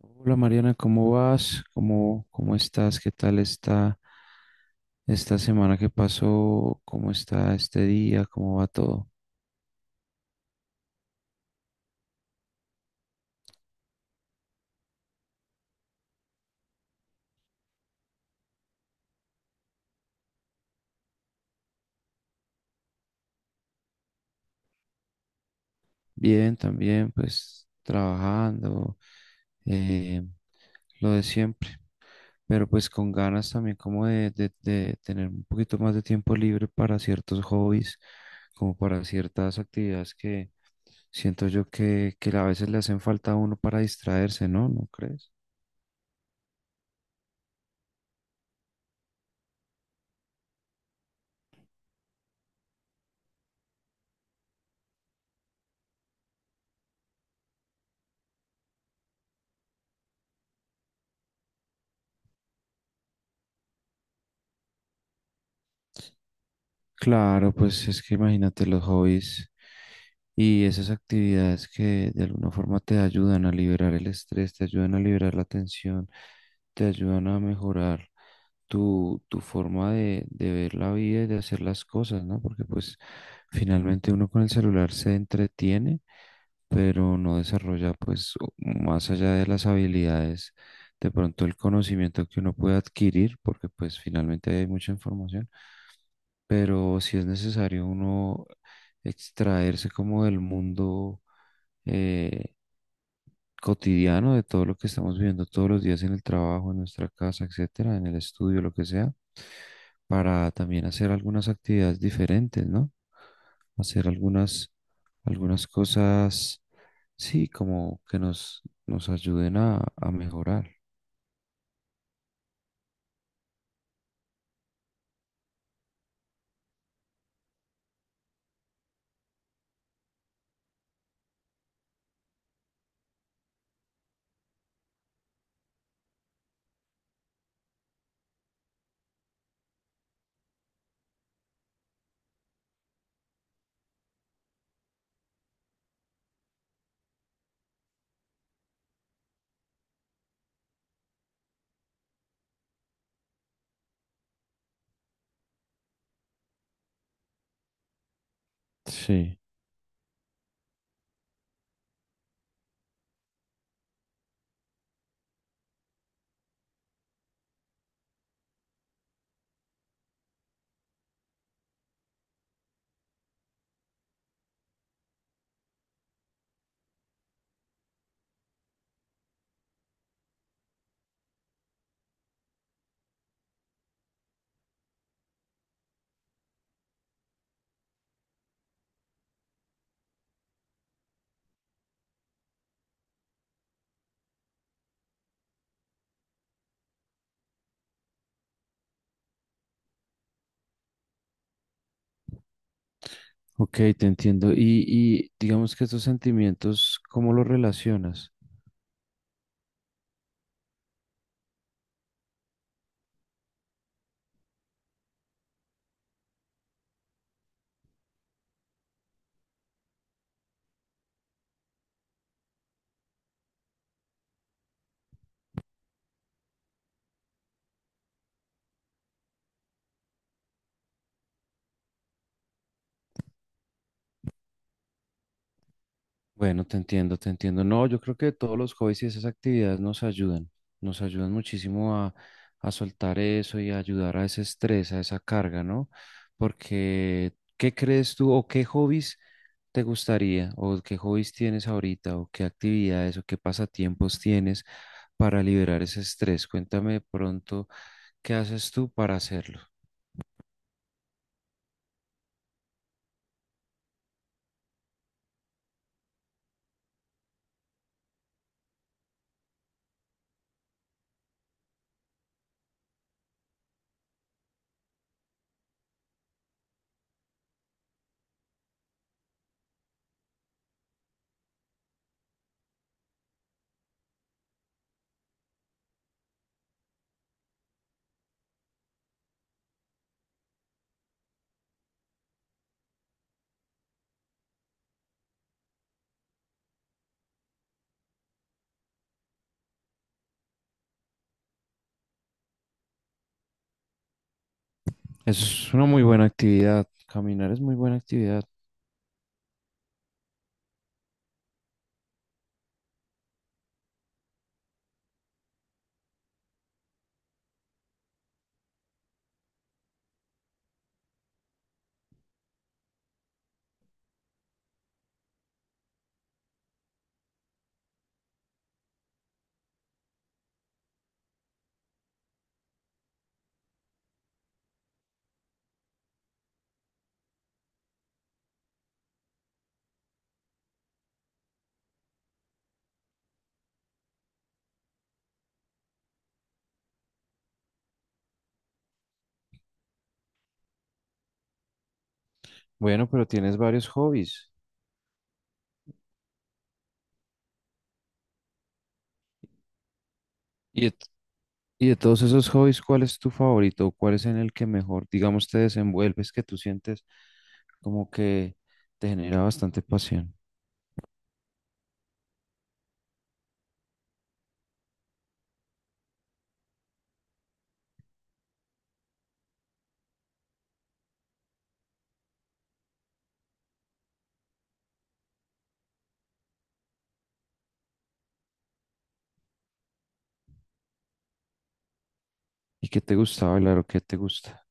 Hola Mariana, ¿cómo vas? ¿Cómo estás? ¿Qué tal está esta semana que pasó? ¿Cómo está este día? ¿Cómo va todo? Bien, también, pues trabajando, eh, lo de siempre, pero pues con ganas también como de tener un poquito más de tiempo libre para ciertos hobbies, como para ciertas actividades que siento yo que a veces le hacen falta a uno para distraerse, ¿no? ¿No crees? Claro, pues es que imagínate los hobbies y esas actividades que de alguna forma te ayudan a liberar el estrés, te ayudan a liberar la tensión, te ayudan a mejorar tu forma de ver la vida y de hacer las cosas, ¿no? Porque pues finalmente uno con el celular se entretiene, pero no desarrolla pues más allá de las habilidades, de pronto el conocimiento que uno puede adquirir, porque pues finalmente hay mucha información pero si es necesario uno extraerse como del mundo eh, cotidiano, de todo lo que estamos viviendo todos los días en el trabajo, en nuestra casa, etcétera, en el estudio, lo que sea, para también hacer algunas actividades diferentes, ¿no? Hacer algunas cosas, sí, como que nos ayuden a mejorar. Sí, ok, te entiendo. Y digamos que estos sentimientos, ¿cómo los relacionas? Bueno, te entiendo, te entiendo. No, yo creo que todos los hobbies y esas actividades nos ayudan muchísimo a soltar eso y a ayudar a ese estrés, a esa carga, ¿no? Porque, ¿qué crees tú o qué hobbies te gustaría o qué hobbies tienes ahorita o qué actividades o qué pasatiempos tienes para liberar ese estrés? Cuéntame de pronto qué haces tú para hacerlo. Eso es una muy buena actividad, caminar es muy buena actividad. Bueno, pero tienes varios hobbies. Y, Y de todos esos hobbies, ¿cuál es tu favorito? ¿Cuál es en el que mejor, digamos, te desenvuelves, que tú sientes como que te genera bastante pasión? ¿Y qué te gusta bailar o qué te gusta?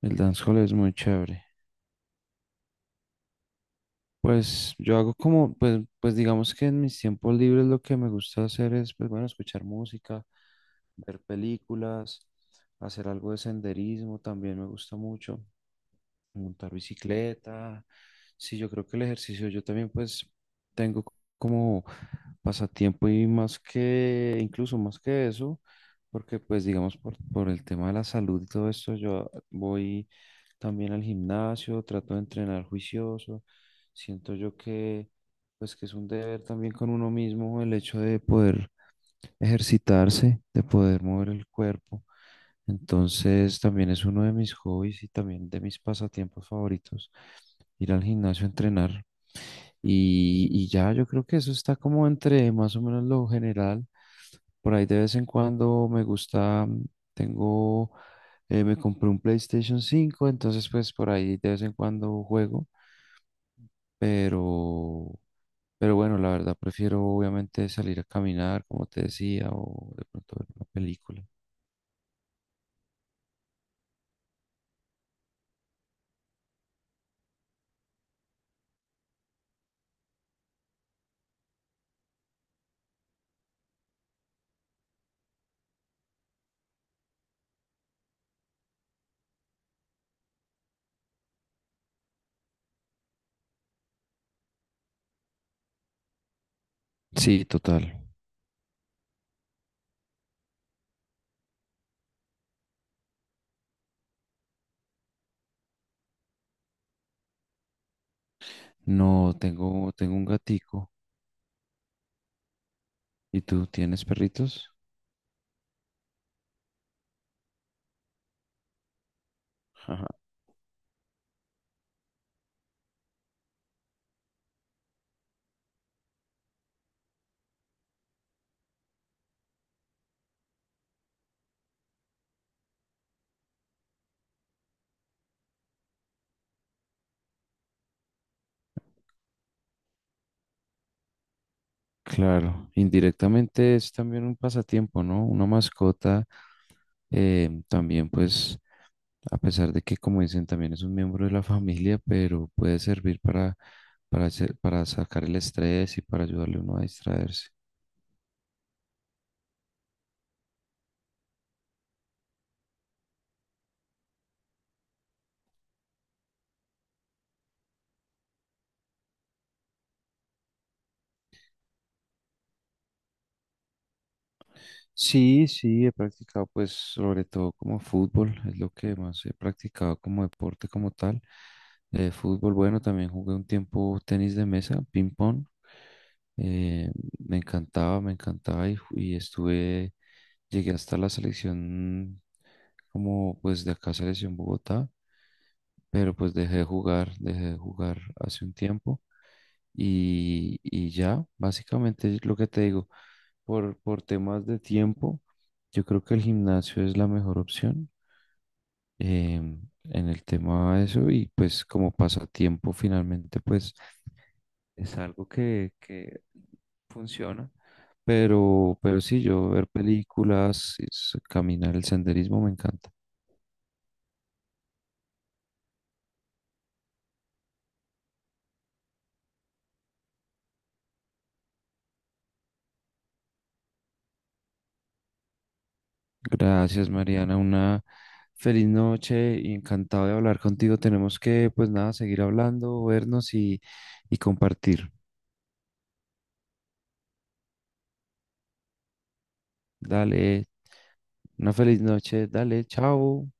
El dancehall es muy chévere. Pues yo hago como, pues, pues digamos que en mis tiempos libres lo que me gusta hacer es, pues bueno, escuchar música, ver películas, hacer algo de senderismo, también me gusta mucho montar bicicleta. Sí, yo creo que el ejercicio, yo también pues tengo c- como pasatiempo y más que, incluso más que eso, porque pues digamos por el tema de la salud y todo esto, yo voy también al gimnasio, trato de entrenar juicioso, siento yo que pues que es un deber también con uno mismo el hecho de poder ejercitarse, de poder mover el cuerpo. Entonces también es uno de mis hobbies y también de mis pasatiempos favoritos, ir al gimnasio a entrenar. Y ya yo creo que eso está como entre más o menos lo general. Por ahí de vez en cuando me gusta, tengo, me compré un PlayStation 5, entonces pues por ahí de vez en cuando juego, pero, pero bueno, la verdad prefiero obviamente salir a caminar, como te decía, o de pronto ver una película. Sí, total. No, tengo, tengo un gatico. ¿Y tú tienes perritos? Ajá. Claro, indirectamente es también un pasatiempo, ¿no? Una mascota, también, pues, a pesar de que, como dicen, también es un miembro de la familia, pero puede servir para para sacar el estrés y para ayudarle a uno a distraerse. Sí, sí, he practicado pues sobre todo como fútbol, es lo que más he practicado como deporte como tal. Fútbol, bueno, también jugué un tiempo tenis de mesa, ping pong. Eh, me encantaba y estuve, llegué hasta la selección como pues de acá selección Bogotá, pero pues dejé de jugar hace un tiempo y ya, básicamente es lo que te digo por temas de tiempo, yo creo que el gimnasio es la mejor opción, em, en el tema de eso y pues como pasatiempo finalmente pues es algo que funciona. Pero sí, yo ver películas, caminar, el senderismo me encanta. Gracias, Mariana. Una feliz noche y encantado de hablar contigo. Tenemos que, pues nada, seguir hablando, vernos y compartir. Dale, una feliz noche. Dale, chao.